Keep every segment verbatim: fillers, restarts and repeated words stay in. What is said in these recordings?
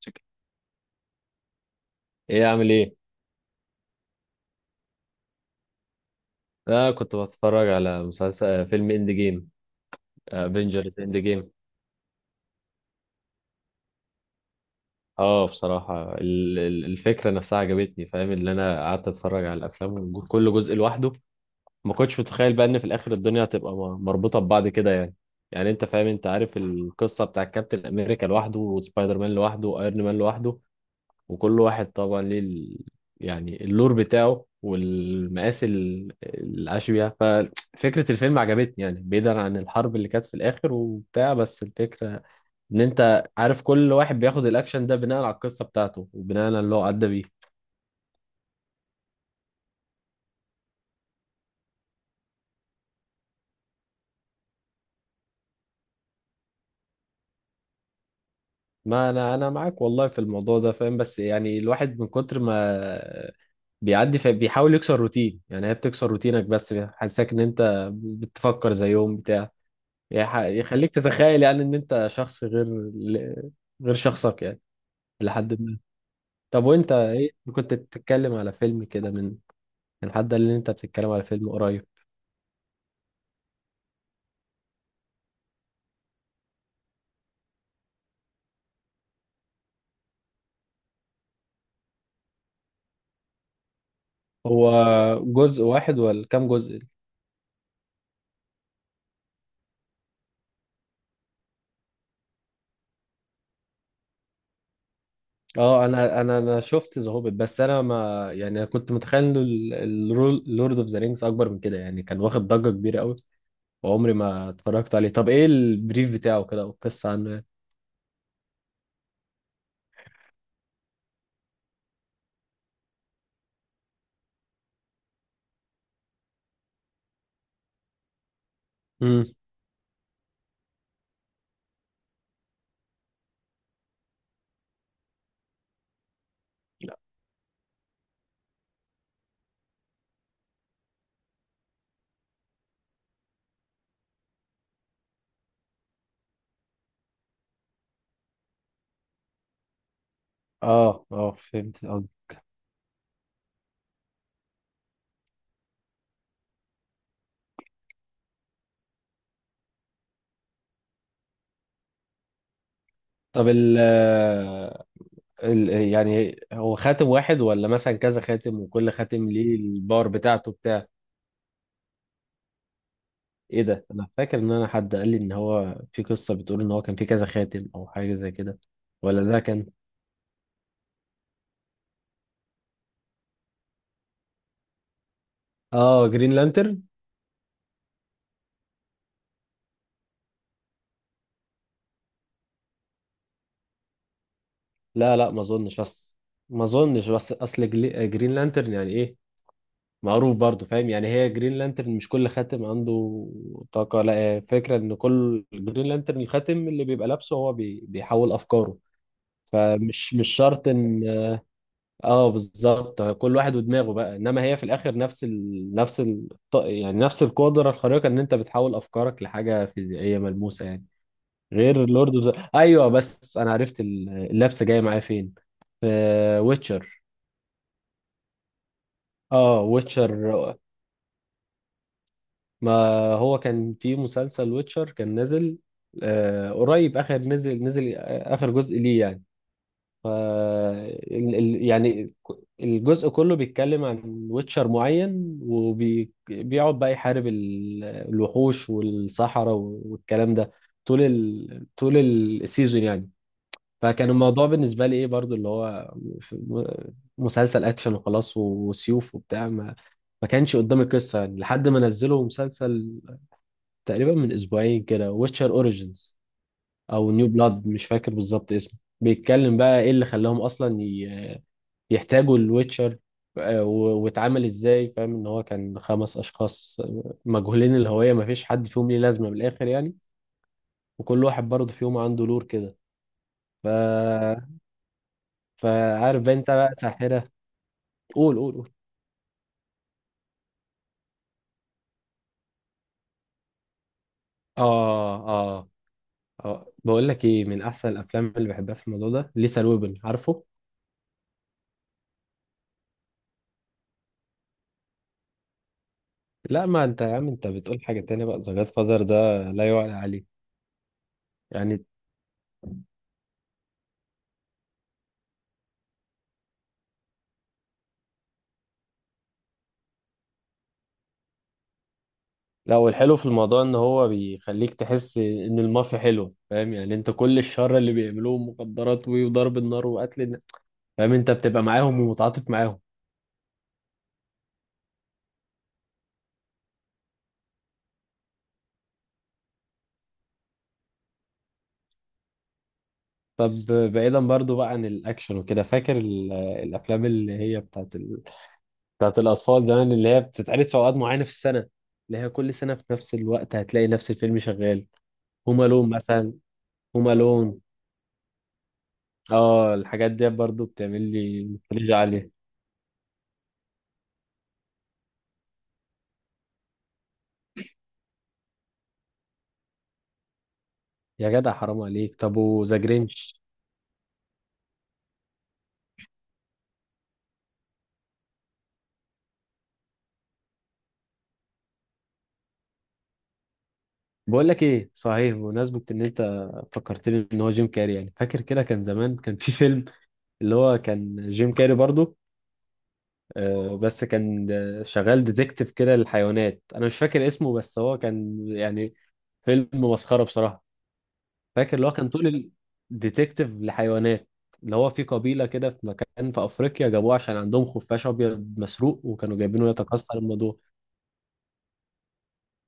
شكل. ايه عامل ايه؟ انا كنت بتفرج على مسلسل آه، فيلم اند جيم. افنجرز اند جيم. اه بصراحة ال- ال- الفكرة نفسها عجبتني، فاهم؟ اللي انا قعدت اتفرج على الافلام، جو- كل جزء لوحده. ما كنتش متخيل بقى ان في الاخر الدنيا هتبقى م- مربوطة ببعض كده يعني. يعني انت فاهم، انت عارف القصة بتاع كابتن امريكا لوحده وسبايدر مان لوحده وايرون مان لوحده، وكل واحد طبعا ليه ال... يعني اللور بتاعه والمقاس ال- العاش بيها. ففكرة الفيلم عجبتني يعني، بعيدا عن الحرب اللي كانت في الآخر وبتاع، بس الفكرة إن أنت عارف كل واحد بياخد الأكشن ده بناء على القصة بتاعته وبناء على اللي هو عدى بيه. ما أنا أنا معاك والله في الموضوع ده، فاهم؟ بس يعني الواحد من كتر ما بيعدي فبيحاول يكسر روتين. يعني هي بتكسر روتينك، بس حاسسك إن أنت بتفكر زيهم بتاع، يح- يخليك تتخيل يعني ان انت شخص غير، ل- غير شخصك يعني. لحد ما طب وانت ايه كنت بتتكلم على فيلم كده، من من حد قال لي ان انت بتتكلم على فيلم قريب. هو جزء واحد ولا كام جزء؟ اه انا انا انا شفت ذا هوبيت، بس انا ما يعني انا كنت متخيل انه لورد اوف ذا رينجز اكبر من كده يعني. كان واخد ضجة كبيرة قوي وعمري ما اتفرجت عليه. طب ايه البريف بتاعه كده او القصة عنه يعني؟ امم. اه اه فهمت قصدك. طب ال ال- يعني هو خاتم واحد ولا مثلا كذا خاتم وكل خاتم ليه الباور بتاعته بتاع؟ ايه ده، انا فاكر ان انا حد قال لي ان هو في قصة بتقول ان هو كان في كذا خاتم او حاجة زي كده. ولا ده كان اه جرين لانترن. لا لا ما اظنش، بس ما اظنش، بس اصل جلي- جرين لانترن يعني، ايه معروف برضه، فاهم؟ يعني هي جرين لانترن مش كل خاتم عنده طاقة. لا، هي فكرة ان كل جرين لانترن الخاتم اللي بيبقى لابسه هو بي... بيحول افكاره. فمش مش شرط ان، اه بالظبط كل واحد ودماغه بقى. انما هي في الاخر نفس ال... نفس ال... ط- يعني نفس القدره الخارقه، ان انت بتحول افكارك لحاجه فيزيائيه ملموسه يعني. غير لورد اوف ذا، ايوه بس انا عرفت ال- اللبسه جايه معايا فين، في ويتشر. اه ويتشر. ما هو كان في مسلسل ويتشر كان نازل، آه قريب اخر، نزل نزل اخر جزء ليه يعني. ف ال- ال- يعني ك- الجزء كله بيتكلم عن ويتشر معين وبيقعد بقى يحارب ال- الوحوش والصحراء والكلام ده، طول ال... طول السيزون يعني. فكان الموضوع بالنسبة لي ايه برضو، اللي هو ف- م- مسلسل اكشن وخلاص، و- وسيوف وبتاع، ما ما كانش قدامي قصة يعني. لحد ما نزلوا مسلسل تقريبا من اسبوعين كده، ويتشر اوريجينز او نيو بلاد، مش فاكر بالظبط اسمه، بيتكلم بقى ايه اللي خلاهم اصلا يحتاجوا الويتشر آه، و- واتعامل ازاي. فاهم ان هو كان خمس اشخاص آه، مجهولين الهوية، ما فيش حد فيهم ليه لازمة من الاخر يعني، وكل واحد برضه فيهم عنده لور كده. ف فعارف بقى انت بقى ساحرة. قول قول قول. اه اه اه بقول لك ايه، من احسن الافلام اللي بحبها في الموضوع ده ليثال ويبن، عارفه؟ لا ما انت يا عم انت بتقول حاجة تانية بقى، ذا جاد فازر ده لا يعلى عليه يعني. لا، والحلو في الموضوع ان هو بيخليك تحس ان المافيا حلوه، فاهم؟ يعني انت كل الشر اللي بيعملوه، مخدرات و- وضرب النار وقتل الناس، فاهم، انت بتبقى معاهم ومتعاطف معاهم. طب بعيدا برضو بقى عن الاكشن وكده، فاكر ال- الافلام اللي هي بتاعت ال... بتاعت الاطفال زمان، اللي هي بتتعرض في اوقات معينه في السنه، اللي هي كل سنه في نفس الوقت هتلاقي نفس الفيلم شغال؟ هوم الون مثلا. هوم الون، اه الحاجات دي برضو بتعمل لي نوستالجيا عليها. يا جدع حرام عليك، طب وذا جرينش؟ بقول لك ايه صحيح، بمناسبة ان انت فكرتني ان هو جيم كاري، يعني فاكر كده كان زمان كان في فيلم اللي هو كان جيم كاري برضو، آه، بس كان آه، شغال ديتكتيف كده للحيوانات، انا مش فاكر اسمه، بس هو كان يعني فيلم مسخرة بصراحة. فاكر اللي هو كان طول، الديتكتيف لحيوانات اللي هو في قبيلة كده في مكان في افريقيا، جابوه عشان عندهم خفاش ابيض مسروق وكانوا جايبينه يتكسر الموضوع.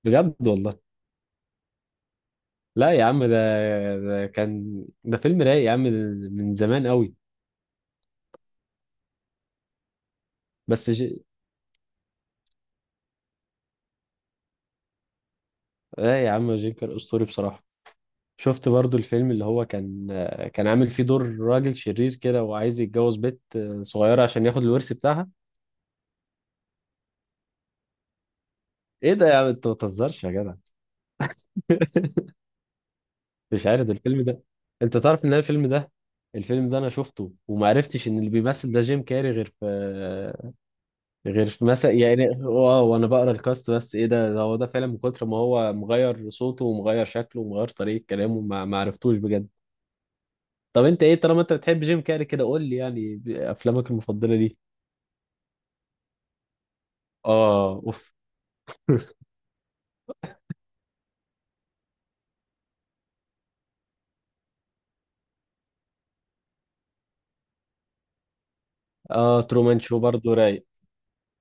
بجد والله. لا يا عم، ده ده كان ده فيلم رايق يا عم، من زمان قوي، بس جي... اه يا عم جينكر اسطوري بصراحه. شفت برضو الفيلم اللي هو كان آه، كان عامل فيه دور راجل شرير كده وعايز يتجوز بنت آه، صغيره عشان ياخد الورث بتاعها؟ ايه ده يا عم، انت ما بتهزرش يا جدع. مش عارف ده، الفيلم ده، انت تعرف ان أنا الفيلم ده، الفيلم ده انا شفته وما عرفتش ان اللي بيمثل ده جيم كاري، غير في آه، غير في مثلا يعني، واو، وانا بقرا الكاست. بس ايه ده، ده هو ده فعلا من كتر ما هو مغير صوته ومغير شكله ومغير طريقه كلامه، ما ما عرفتوش بجد. طب انت ايه، طالما انت بتحب جيم كاري كده قول لي يعني ب- افلامك المفضله ليه. اه، اوف. اه ترومان شو برضه رايق.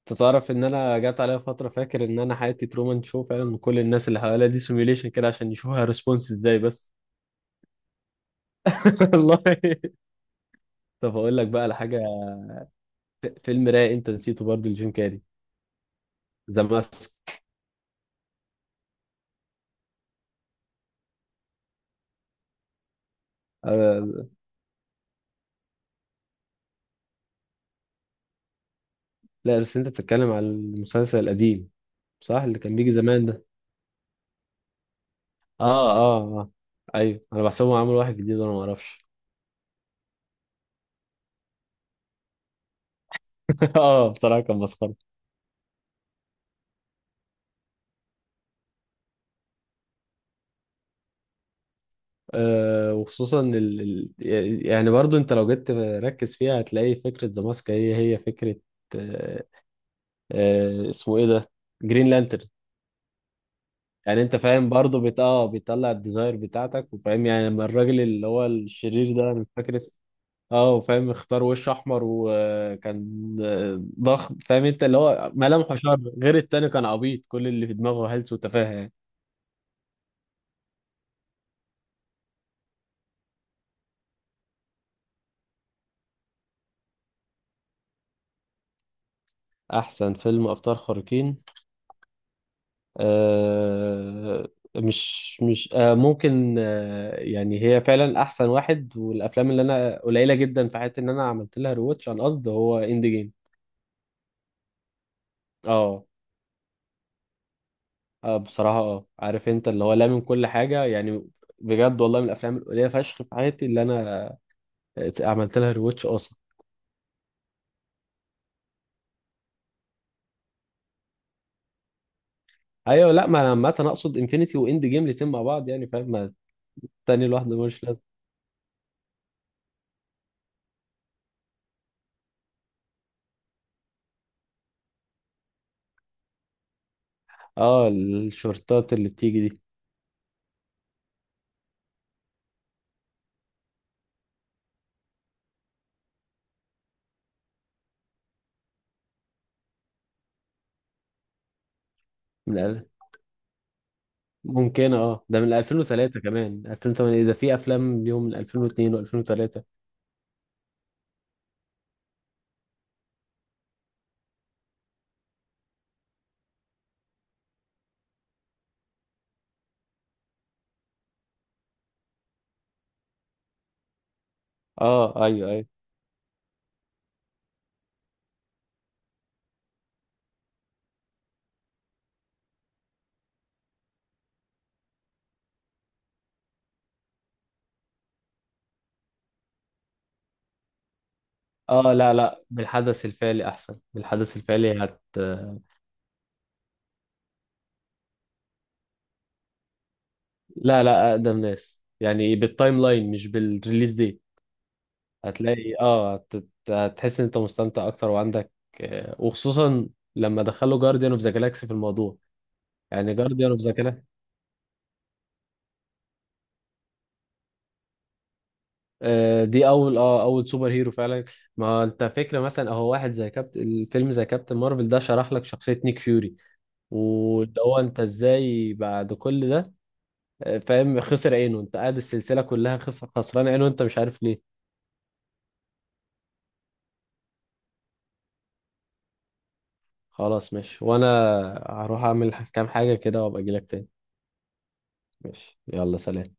انت تعرف ان انا جات عليا فتره فاكر ان انا حياتي ترومان شو فعلا، من كل الناس اللي حواليا دي سيميوليشن كده عشان يشوفها ريسبونس ازاي بس. والله. طب اقول لك بقى على حاجه، ف- فيلم رايق انت نسيته برضه لجيم كاري، ذا ماسك. آه لا بس انت بتتكلم على المسلسل القديم، صح؟ اللي كان بيجي زمان ده. اه اه اه، ايوه انا بحسبهم عملوا واحد جديد وانا ما اعرفش. اه بصراحه كان مسخره. آه، وخصوصا ال... ال- يعني برضو انت لو جيت ركز فيها هتلاقي فكرة ذا ماسك هي هي فكرة آه، آه، اسمه ايه ده، جرين لانترن. يعني انت فاهم برضو بت... اه بيطلع الديزاير بتاعتك، وفاهم يعني لما الراجل اللي هو الشرير ده، انا مش فاكر اسمه، اه وفاهم اختار وش احمر وكان آه، ضخم، فاهم انت؟ اللي هو ملامحه شر، غير التاني كان عبيط، كل اللي في دماغه هلس وتفاهه يعني. احسن فيلم ابطال خارقين آه، مش مش آه، ممكن آه، يعني، هي فعلا احسن واحد، والافلام اللي انا قليله جدا في حياتي ان انا عملت لها رواتش عن قصد هو اند جيم. اه. آه، بصراحه اه، عارف انت اللي هو لا من كل حاجه يعني، بجد والله من الافلام القليله فشخ في حياتي اللي انا ات- عملت لها رواتش اصلا. ايوه لا، ما انا عامه اقصد انفينيتي واند جيم الاتنين مع بعض يعني، فاهم؟ ما التاني لوحده ملوش لازمه. اه الشورتات اللي بتيجي دي. من، ممكن اه ده من ألفين وثلاثة، كمان ألفين وثمانية ده، في افلام ليهم من ألفين واثنين و2003. اه ايوه ايوه. اه لا لا، بالحدث الفعلي احسن، بالحدث الفعلي هت، لا لا اقدم ناس يعني، بالتايم لاين مش بالريليز دي. هتلاقي اه هت- هتحس ان انت مستمتع اكتر وعندك آه، وخصوصا لما دخلوا جارديان اوف ذا جالاكسي في الموضوع. يعني جارديان اوف ذا آه، دي اول اه اول سوبر هيرو فعلا. ما انت فكره مثلا اهو واحد زي كابت الفيلم زي كابتن مارفل ده شرح لك شخصيه نيك فيوري، واللي هو انت ازاي بعد كل ده آه، فاهم خسر عينه، انت قاعد السلسله كلها خسر خسران عينه انت مش عارف ليه. خلاص ماشي، وانا هروح اعمل كام حاجه كده وابقى اجيلك تاني. ماشي يلا، سلام.